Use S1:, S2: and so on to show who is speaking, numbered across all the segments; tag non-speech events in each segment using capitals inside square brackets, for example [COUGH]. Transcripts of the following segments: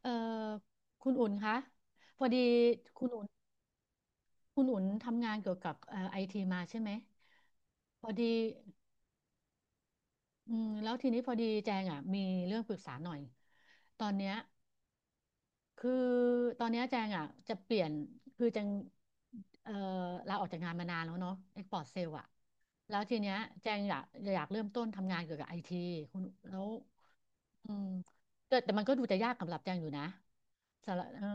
S1: เอ่อคุณอุ่นคะพอดีคุณอุ่นคุณอุ่นทำงานเกี่ยวกับไอทีมาใช่ไหมพอดีอืมแล้วทีนี้พอดีแจงอ่ะมีเรื่องปรึกษาหน่อยตอนเนี้ยคือตอนเนี้ยแจงอ่ะจะเปลี่ยนคือแจงเอ่อลาออกจากงานมานานแล้วเนาะเอ็กพอร์ตเซลอ่ะแล้วทีเนี้ยแจงอยากเริ่มต้นทำงานเกี่ยวกับไอทีคุณแล้วอืมแต่มันก็ดูจะยากสำหรับแจงอยู่นะสำหรับ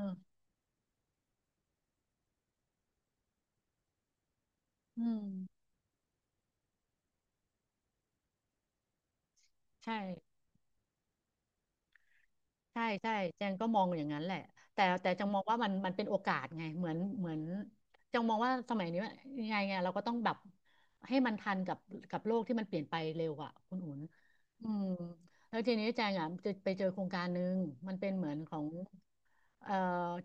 S1: อืมใช่ ใช่ใช่แจงก็มองอย่างนั้นแหละแต่จังมองว่ามันเป็นโอกาสไงเหมือนจังมองว่าสมัยนี้ว่ายังไงเราก็ต้องแบบให้มันทันกับกับโลกที่มันเปลี่ยนไปเร็วอ่ะคุณอุ่นอืมแล้วทีนี้แจงอ่ะจะไปเจอโครงการหนึ่งมันเป็นเหมือนของเอ่อ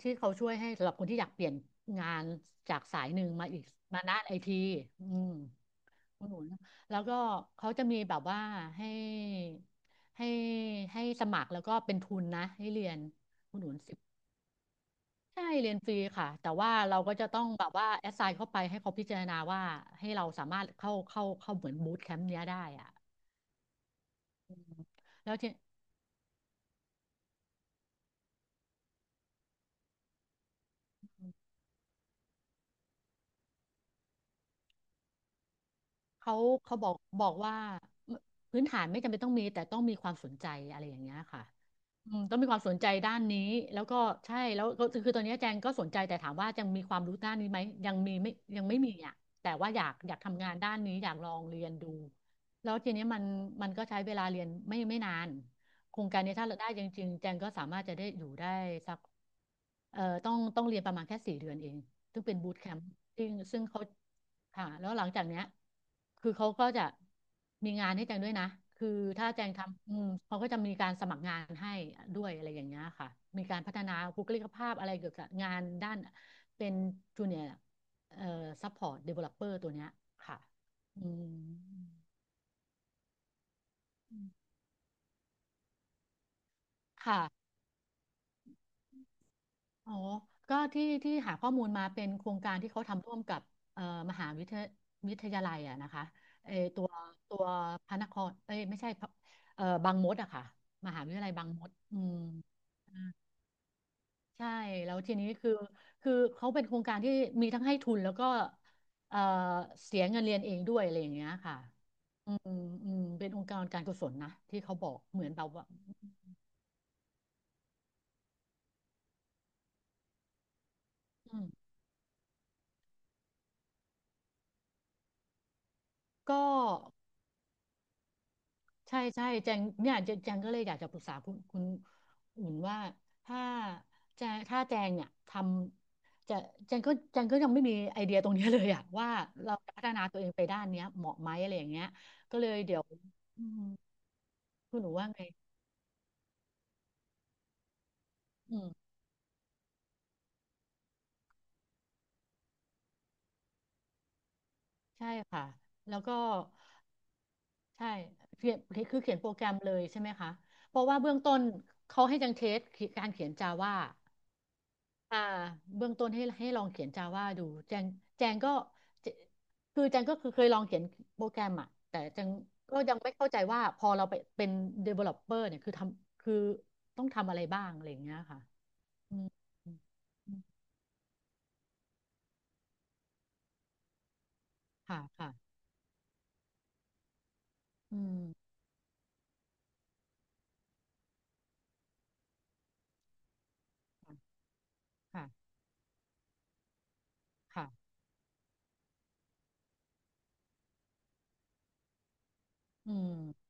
S1: ที่เขาช่วยให้สำหรับคนที่อยากเปลี่ยนงานจากสายหนึ่งมาอีกมาด้านไอทีอืม อุดหนุนแล้วก็เขาจะมีแบบว่าให้ให้ให้สมัครแล้วก็เป็นทุนนะให้เรียนอุดหนุนสิบใช่เรียนฟรีค่ะแต่ว่าเราก็จะต้องแบบว่าแอสไซน์เข้าไปให้เขาพิจารณาว่าให้เราสามารถเข้าเหมือนบูตแคมป์เนี้ยได้อ่ะอืมแล้วที่เขาเขาบอกว่าพื้นฐานไม่จำเป็นต้องมีแต่ต้องมีความสนใจอะไรอย่างเงี้ยค่ะ อืมต้องมีความสนใจด้านนี้แล้วก็ใช่แล้วก็คือตอนนี้แจงก็สนใจแต่ถามว่ายังมีความรู้ด้านนี้ไหมยังมีไม่ยังไม่มีอ่ะแต่ว่าอยากทำงานด้านนี้อยากลองเรียนดูแล้วทีนี้มันมันก็ใช้เวลาเรียนไม่นานโครงการนี้ถ้าเราได้จริงๆแจงก็สามารถจะได้อยู่ได้สัก ต้องเรียนประมาณแค่สี่เดือนเองซึ่งเป็นบูตแคมป์ซึ่งเขาค่ะแล้วหลังจากเนี้ยคือเขาก็จะมีงานให้แจงด้วยนะคือถ้าแจงทำอืมเขาก็จะมีการสมัครงานให้ด้วยอะไรอย่างเงี้ยค่ะมีการพัฒนาบุคลิกภาพอะไรเกี่ยวกับงานด้านเป็นจูเนียร์เอ่อซัพพอร์ตเดเวลลอปเปอร์ตัวเนี้ยค่ะอืมค่ะ อ๋อก็ที่หาข้อมูลมาเป็นโครงการที่เขาทำร่วมกับเอ่อมหาวิทยาวิทยาลัยอะนะคะเออตัวพระนครเอ้ยไม่ใช่พระบางมดอะค่ะมหาวิทยาลัยบางมดอืมใช่แล้วทีนี้คือเขาเป็นโครงการที่มีทั้งให้ทุนแล้วก็เอ่อเสียเงินเรียนเองด้วยอะไรอย่างเงี้ยค่ะอืมอืมเป็นองค์กรการกุศลนะที่เขาบอกเหมือนแบบว่าอืมก็ ใช่ใช่แจงเนี่ยแจงก็เลยอยากจะปรึกษาคุณอุ่นว่าถ้าแจงถ้าแจงเนี่ยทำจะแจงก็ยังไม่มีไอเดียตรงเนี้ยเลยอะ [LAUGHS] ว่าเราจะพัฒนาตัวเองไปด้านเนี้ยเหมาะไหมอะไรอย่างเงี้ยก็เลยเดี๋ยวอืมคุณหนูว่าไงอืมใช่ค่ะแล้วก็ใช่เขียนคือเขียนโปรแกรมเลยใช่ไหมคะเพราะว่าเบื้องต้นเขาให้แจังเทสการเขียนจาว่า อ่าเบื้องต้นให้ลองเขียน Java ดูแจงแจงก็เจคือแจงก็คือเคยลองเขียนโปรแกรมอะแต่แจงก็ยังไม่เข้าใจว่าพอเราไปเป็น developer เนี่ยคือต้องทำอะไรบ้างอะไรอย่างเงี้ยค่ะอืมอืมค่ะค่ะอืมค่ะค่ะค่ะอืม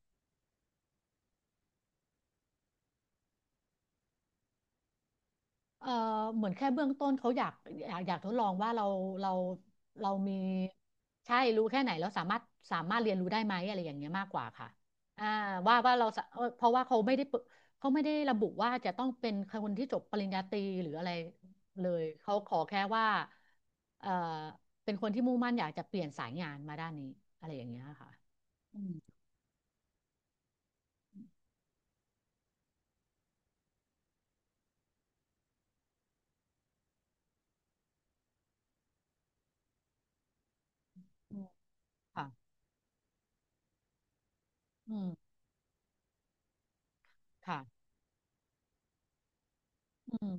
S1: เอ่อเหมือนแค่เบื้องต้นเขาอยากทดลองว่าเราเรามีใช่รู้แค่ไหนแล้วสามารถเรียนรู้ได้ไหมอะไรอย่างเงี้ยมากกว่าค่ะอ่าว่าเราสะเพราะว่าเขาไม่ได้เปิเขาไม่ได้ระบุว่าจะต้องเป็นคนที่จบปริญญาตรีหรืออะไรเลยเขาขอแค่ว่าเอ่อเป็นคนที่มุ่งมั่นอยากจะเปลี่ยนสายงานมาด้านนี้อะไรอย่างเงี้ยค่ะอืมอืมค่ะอืมค่ะอืม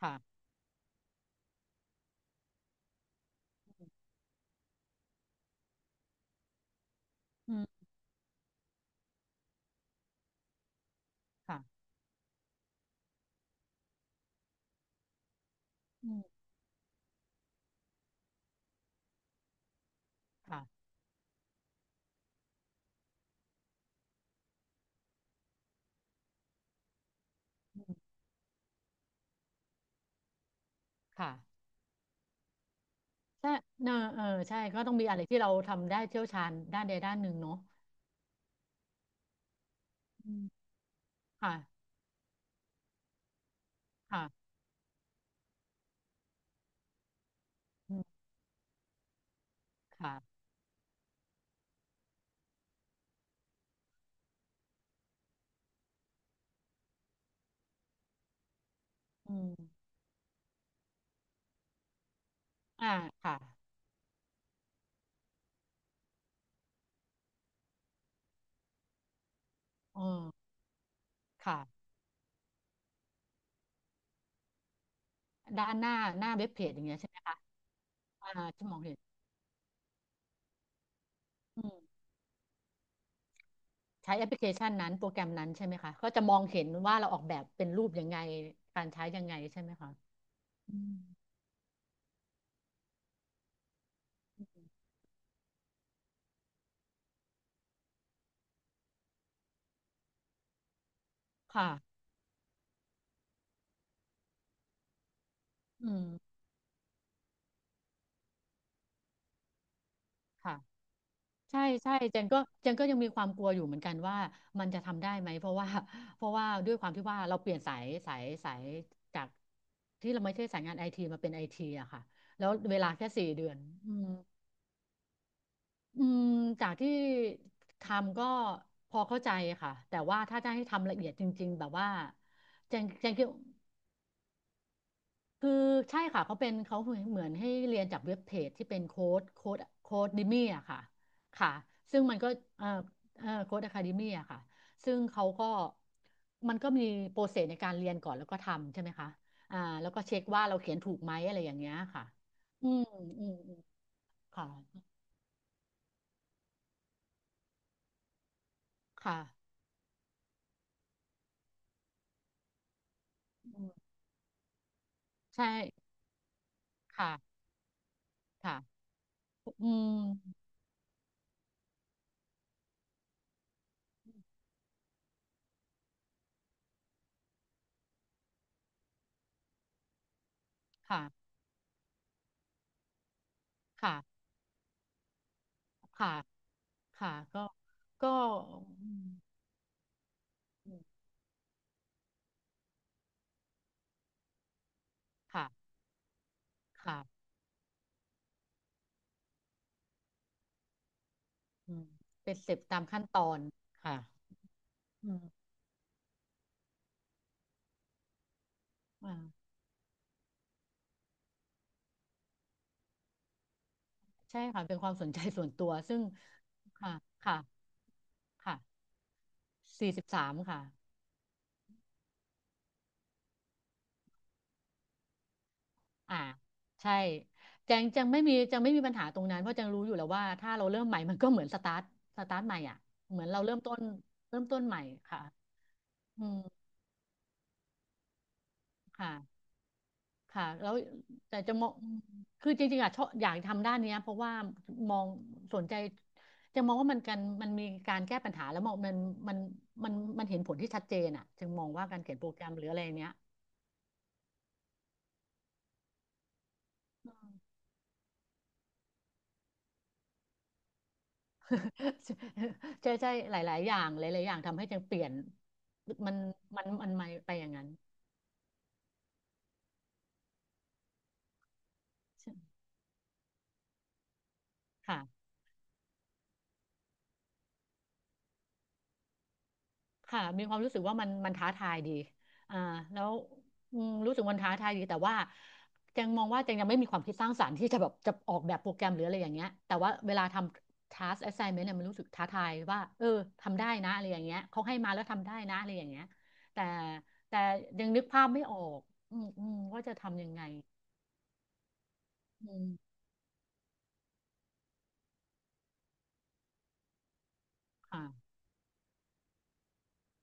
S1: ค่ะอืมค่ะอืมค่ะอืมค่ะ ใช่เนอะเออใช่ก็ต้องมีอะไรที่เราทำได้เชี่ยวชาญด้านใดด้านหนึ่งเนาะอืมค่ะค่ะอืมค่ะอืมอ่าค่ะเออค่ะด้านหน้าหน้าเว็บเพจอย่างเงี้ยใช่ไหมคะอ่าที่มองเห็นอืมใช้แอปพลิเคชันนั้นโปรแกรมนั้นใช่ไหมคะก็จะมองเห็นว่าเราออกแบบเป็นรูปยังไงการใช้ยังไงใช่ไหมคะอืมค่ะอืมค่ะ ใช่ใช่เจนก็ยังมีความกลัวอยู่เหมือนกันว่ามันจะทำได้ไหมเพราะว่า [LAUGHS] เพราะว่าด้วยความที่ว่าเราเปลี่ยนสายจากที่เราไม่ใช่สายงานไอทีมาเป็นไอทีอะค่ะแล้วเวลาแค่4 เดือนอืมอืมจากที่ทำก็พอเข้าใจค่ะแต่ว่าถ้าจะให้ทำละเอียดจริงๆแบบว่าเจนคิด คือใช่ค่ะเขาเหมือนให้เรียนจากเว็บเพจที่เป็นโค้ดดิมี่อะค่ะค่ะซึ่งมันก็เอ่อโค้ดอะคาเดมี่อะค่ะซึ่งเขาก็มันก็มีโปรเซสในการเรียนก่อนแล้วก็ทำใช่ไหมคะอ่าแล้วก็เช็คว่าเราเขียนถูกไหมอะไรอย่างเงี้ยค่ะอืมอืมอืมค่ะค่ะอืมใช่ค่ะค่ะอืมค่ะค่ะค่ะค่ะก็อืมค่ะค่ะ อืมเป็นสเต็ปตามขั้นตอนค่ะอืมอ่าใช่ค่ะเป็นความสนใจส่วนตัวซึ่งค่ะค่ะค่ะ43ค่ะอ่าใช่แจงจังไม่มีปัญหาตรงนั้นเพราะจังรู้อยู่แล้วว่าถ้าเราเริ่มใหม่มันก็เหมือนสตาร์ทใหม่อ่ะเหมือนเราเริ่มต้นใหม่ค่ะอืมค่ะ ค่ะแล้วแต่จะมองคือจริงๆอ่ะชอบอยากทำด้านเนี้ยเพราะว่ามองสนใจจะมองว่ามันกันมันมีการแก้ปัญหาแล้วมองมันมันมันเห็นผลที่ชัดเจนอ่ะจึงมองว่าการเขียนโปรแกรมหรืออะไรเนี้ย [LAUGHS] ใช่ใช่หลายๆอย่างหลายๆอย่างทำให้จึงเปลี่ยนมันมันไม่ไปอย่างนั้นค่ะ ค่ะมีความรู้สึกว่ามันท้าทายดีอ่าแล้วอืมรู้สึกมันท้าทายดีแต่ว่าแจงมองว่าแจงยังไม่มีความคิดสร้างสรรค์ที่จะแบบจะออกแบบโปรแกรมหรืออะไรอย่างเงี้ยแต่ว่าเวลาทำ task assignment เนี่ยมันรู้สึกท้าทายว่าเออทำได้นะอะไรอย่างเงี้ยเขาให้มาแล้วทำได้นะอะไรอย่างเงี้ยแต่แต่ยังนึกภาพไม่ออกว่าจะทำยังไงอืมค่ะ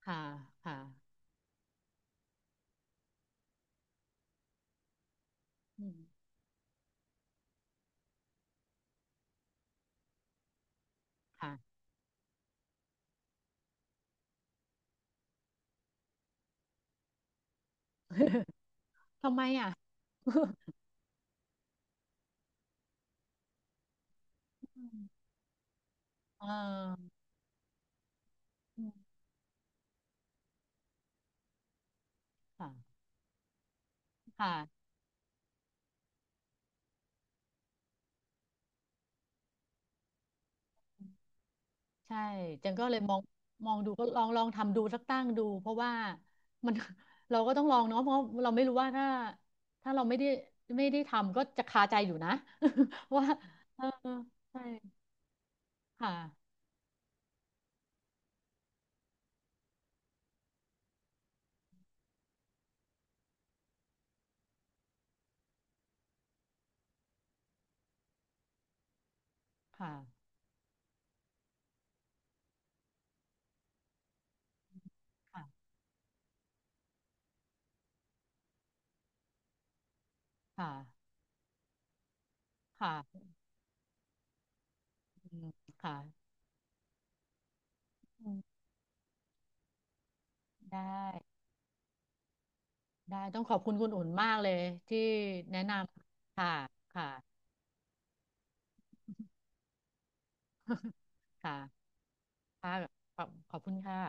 S1: ค่ะค่ะอืมค่ะทำไมอ่ะ [LAUGHS] เอออืมค่ะค่ะ ใช่จังก็เลยมองมองดูก็ลองทำดูสักตั้งดูเพราะว่ามัน [LAUGHS] เราก็ต้องลองเนาะเพราะเราไม่รู้ว่าถ้าถ้าเราไม่ได้ทำก็จะคาใจอยู่นะ [LAUGHS] ว่าเออใช่ค่ะค่ะค่ะค่ะค่ะอืมค่ะอืมได้ได้ต้องขอบคุณคุณอุ่นมากเลยที่แนะนำค่ะค่ะ [LAUGHS] ค่ะค่ะขอบคุณค่ะ